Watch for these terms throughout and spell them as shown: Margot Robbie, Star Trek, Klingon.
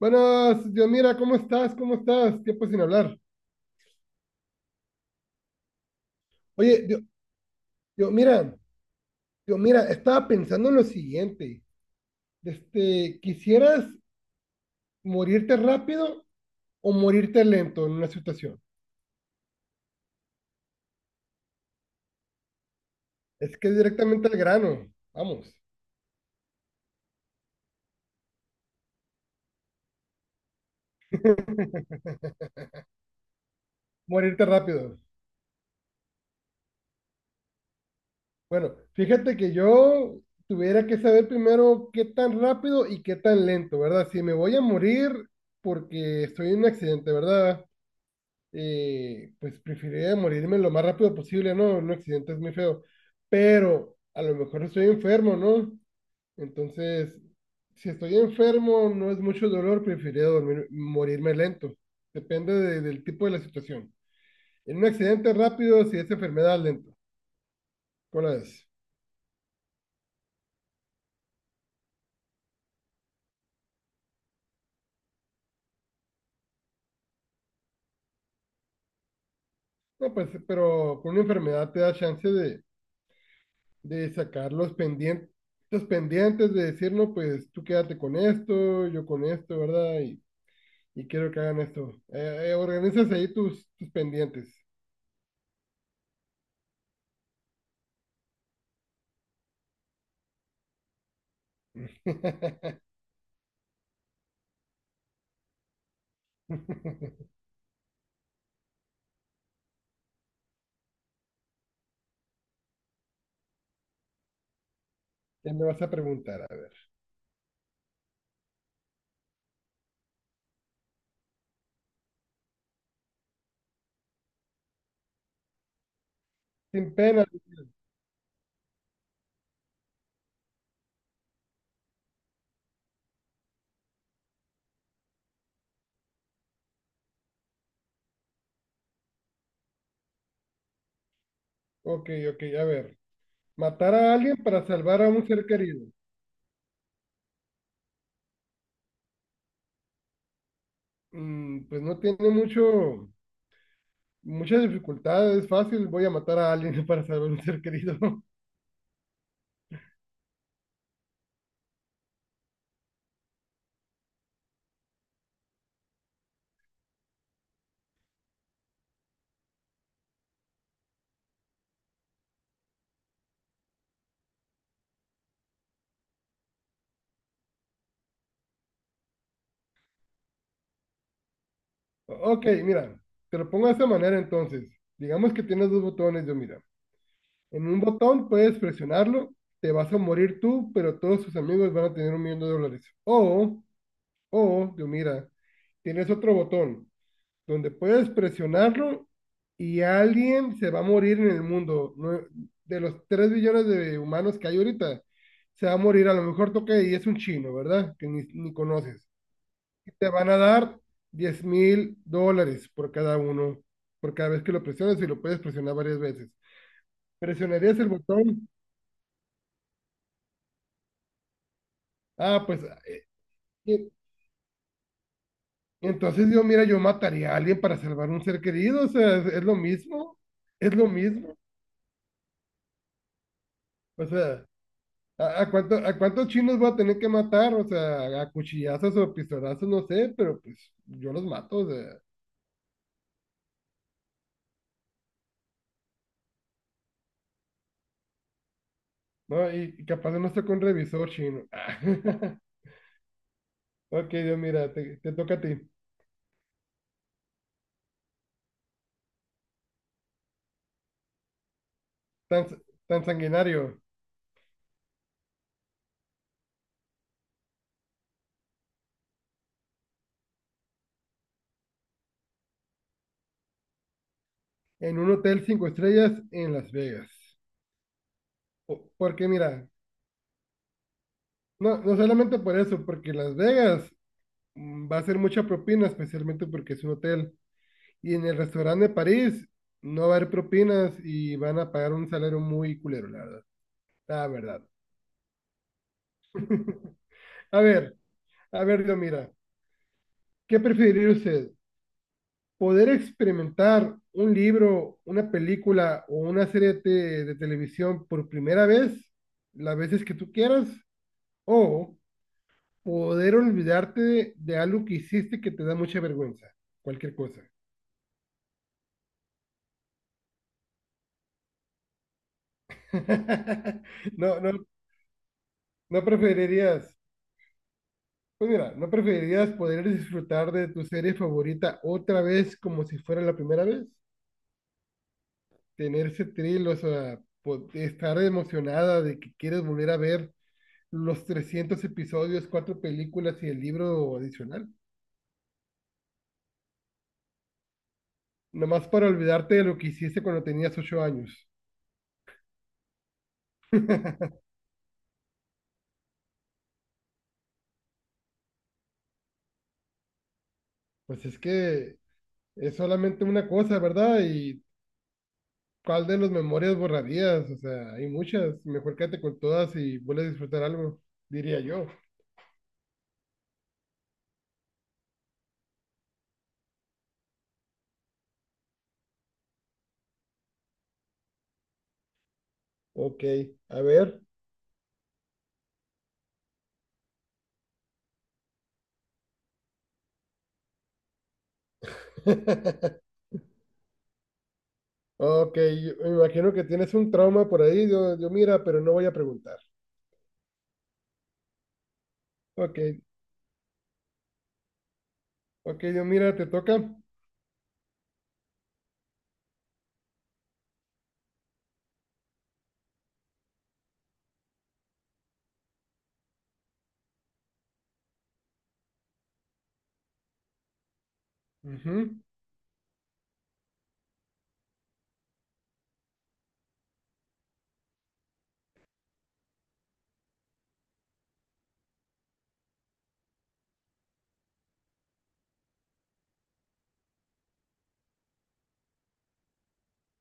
Buenas, Dios mira, ¿cómo estás? ¿Cómo estás? Tiempo sin hablar. Oye, Dios mira, Dios mira, estaba pensando en lo siguiente. Este, ¿quisieras morirte rápido o morirte lento en una situación? Es que es directamente al grano. Vamos, morirte rápido. Bueno, fíjate que yo tuviera que saber primero qué tan rápido y qué tan lento, ¿verdad? Si me voy a morir porque estoy en un accidente, ¿verdad? Pues preferiría morirme lo más rápido posible, ¿no? Un accidente es muy feo, pero a lo mejor estoy enfermo, ¿no? Entonces, si estoy enfermo, no es mucho dolor, preferiría morirme lento. Depende del tipo de la situación. En un accidente rápido, si es enfermedad, lento. ¿Cuál es? No, pues, pero con una enfermedad te da chance de sacar los pendientes de decir, no, pues tú quédate con esto, yo con esto, ¿verdad? Y quiero que hagan eso. Organizas ahí tus pendientes. ¿Qué me vas a preguntar? A ver. Sin pena. Ok, ok, a ver. Matar a alguien para salvar a un ser querido. Mm, pues no tiene muchas dificultades. Es fácil, voy a matar a alguien para salvar a un ser querido. Ok, mira, te lo pongo de esta manera entonces. Digamos que tienes dos botones, yo mira. En un botón puedes presionarlo, te vas a morir tú, pero todos tus amigos van a tener 1 millón de dólares. O yo mira, tienes otro botón donde puedes presionarlo y alguien se va a morir en el mundo. De los 3 billones de humanos que hay ahorita, se va a morir. A lo mejor toca y es un chino, ¿verdad? Que ni conoces. Y te van a dar 10.000 dólares por cada uno, por cada vez que lo presiones y lo puedes presionar varias veces. ¿Presionarías el botón? Ah, pues eh, Entonces yo, mira, yo mataría a alguien para salvar un ser querido, o sea, es lo mismo, o sea, a a cuántos chinos voy a tener que matar? O sea, a cuchillazos o pistolazos, no sé, pero pues yo los mato, o sea, ¿no? Y capaz de no estoy con revisor chino. Ok, Dios, mira, te toca a ti. Tan, tan sanguinario, en un hotel cinco estrellas en Las Vegas. Porque mira, no, no solamente por eso, porque Las Vegas va a ser mucha propina, especialmente porque es un hotel. Y en el restaurante de París no va a haber propinas y van a pagar un salario muy culero, la verdad. La verdad. A ver, a ver, yo mira, ¿qué preferiría usted? ¿Poder experimentar un libro, una película o una serie de, de televisión por primera vez, las veces que tú quieras? ¿O poder olvidarte de algo que hiciste que te da mucha vergüenza? Cualquier cosa. No, no, ¿No preferirías, ¿no preferirías poder disfrutar de tu serie favorita otra vez como si fuera la primera vez? Tener ese thrill, o sea, estar emocionada de que quieres volver a ver los 300 episodios, cuatro películas y el libro adicional. Nomás para olvidarte de lo que hiciste cuando tenías 8 años. Pues es que es solamente una cosa, ¿verdad? ¿Y cuál de las memorias borrarías? O sea, hay muchas. Mejor quédate con todas y vuelve a disfrutar algo, diría yo. Ok, a ver. Ok, yo me imagino que tienes un trauma por ahí, yo mira, pero no voy a preguntar. Ok, ok, yo mira, te toca. Ujú,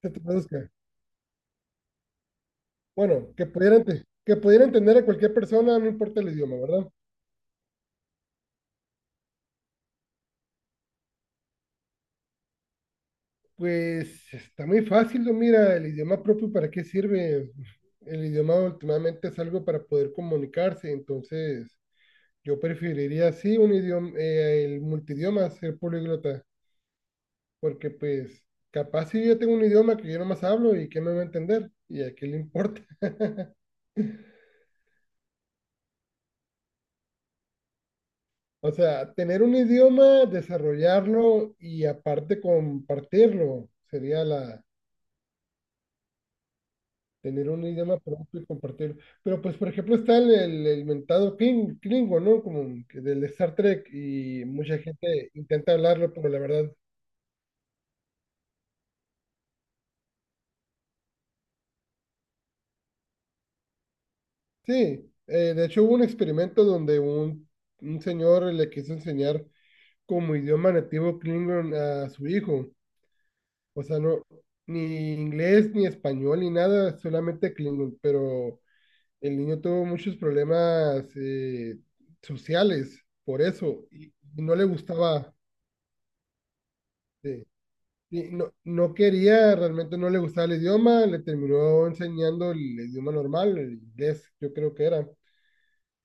¿qué te traduzca? Bueno, que pudiera, que pudiera entender a cualquier persona, no importa el idioma, ¿verdad? Pues está muy fácil, yo mira, el idioma propio, ¿para qué sirve? El idioma últimamente es algo para poder comunicarse, entonces yo preferiría, sí, un idioma, el multidioma, ser políglota. Porque pues capaz si yo tengo un idioma que yo nomás hablo y que no me va a entender y a qué le importa. O sea, tener un idioma, desarrollarlo y aparte compartirlo sería la tener un idioma propio y compartirlo. Pero pues por ejemplo está el mentado Klingon, ¿no? Como que del Star Trek y mucha gente intenta hablarlo, pero la verdad, sí. De hecho hubo un experimento donde un señor le quiso enseñar como idioma nativo Klingon a su hijo. O sea, no, ni inglés, ni español, ni nada, solamente Klingon. Pero el niño tuvo muchos problemas sociales por eso y no le gustaba. eh, y no quería, realmente no le gustaba el idioma, le terminó enseñando el idioma normal, el inglés, yo creo que era.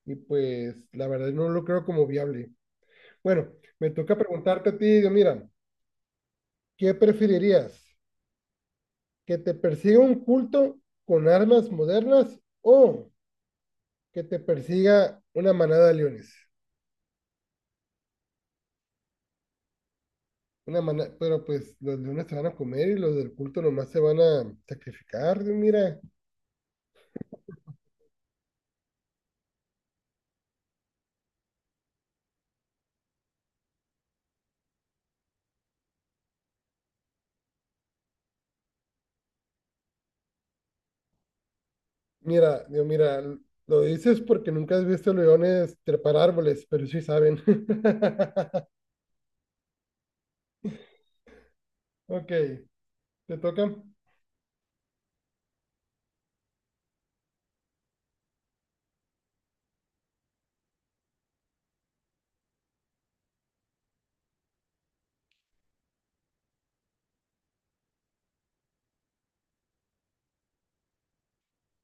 Y pues la verdad no lo creo como viable. Bueno, me toca preguntarte a ti, Dios, mira, ¿qué preferirías? Que te persiga un culto con armas modernas o que te persiga una manada de leones. Una manada, pero pues los leones se van a comer y los del culto nomás se van a sacrificar. Digo, mira, lo dices porque nunca has visto leones trepar árboles, pero sí saben. Ok, te toca.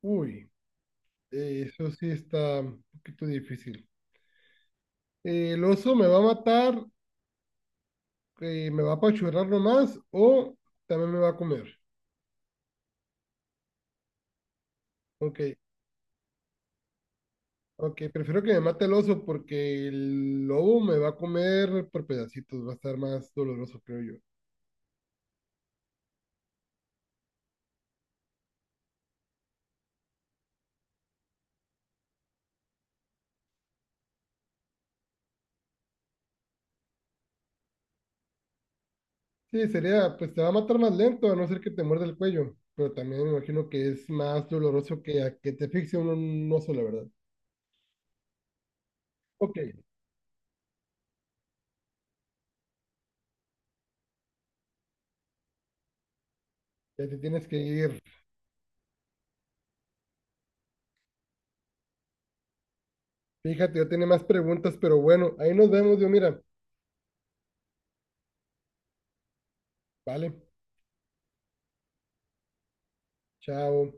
Uy, eso sí está un poquito difícil. ¿El oso me va a matar, me va a apachurrar nomás o también me va a comer? Ok, ok, prefiero que me mate el oso porque el lobo me va a comer por pedacitos, va a estar más doloroso, creo yo. Sí, sería, pues te va a matar más lento, a no ser que te muerda el cuello, pero también me imagino que es más doloroso que a que te asfixie un oso, la verdad. Ok, ya te tienes que ir. Fíjate, yo tenía más preguntas, pero bueno, ahí nos vemos, yo mira. Vale, chao.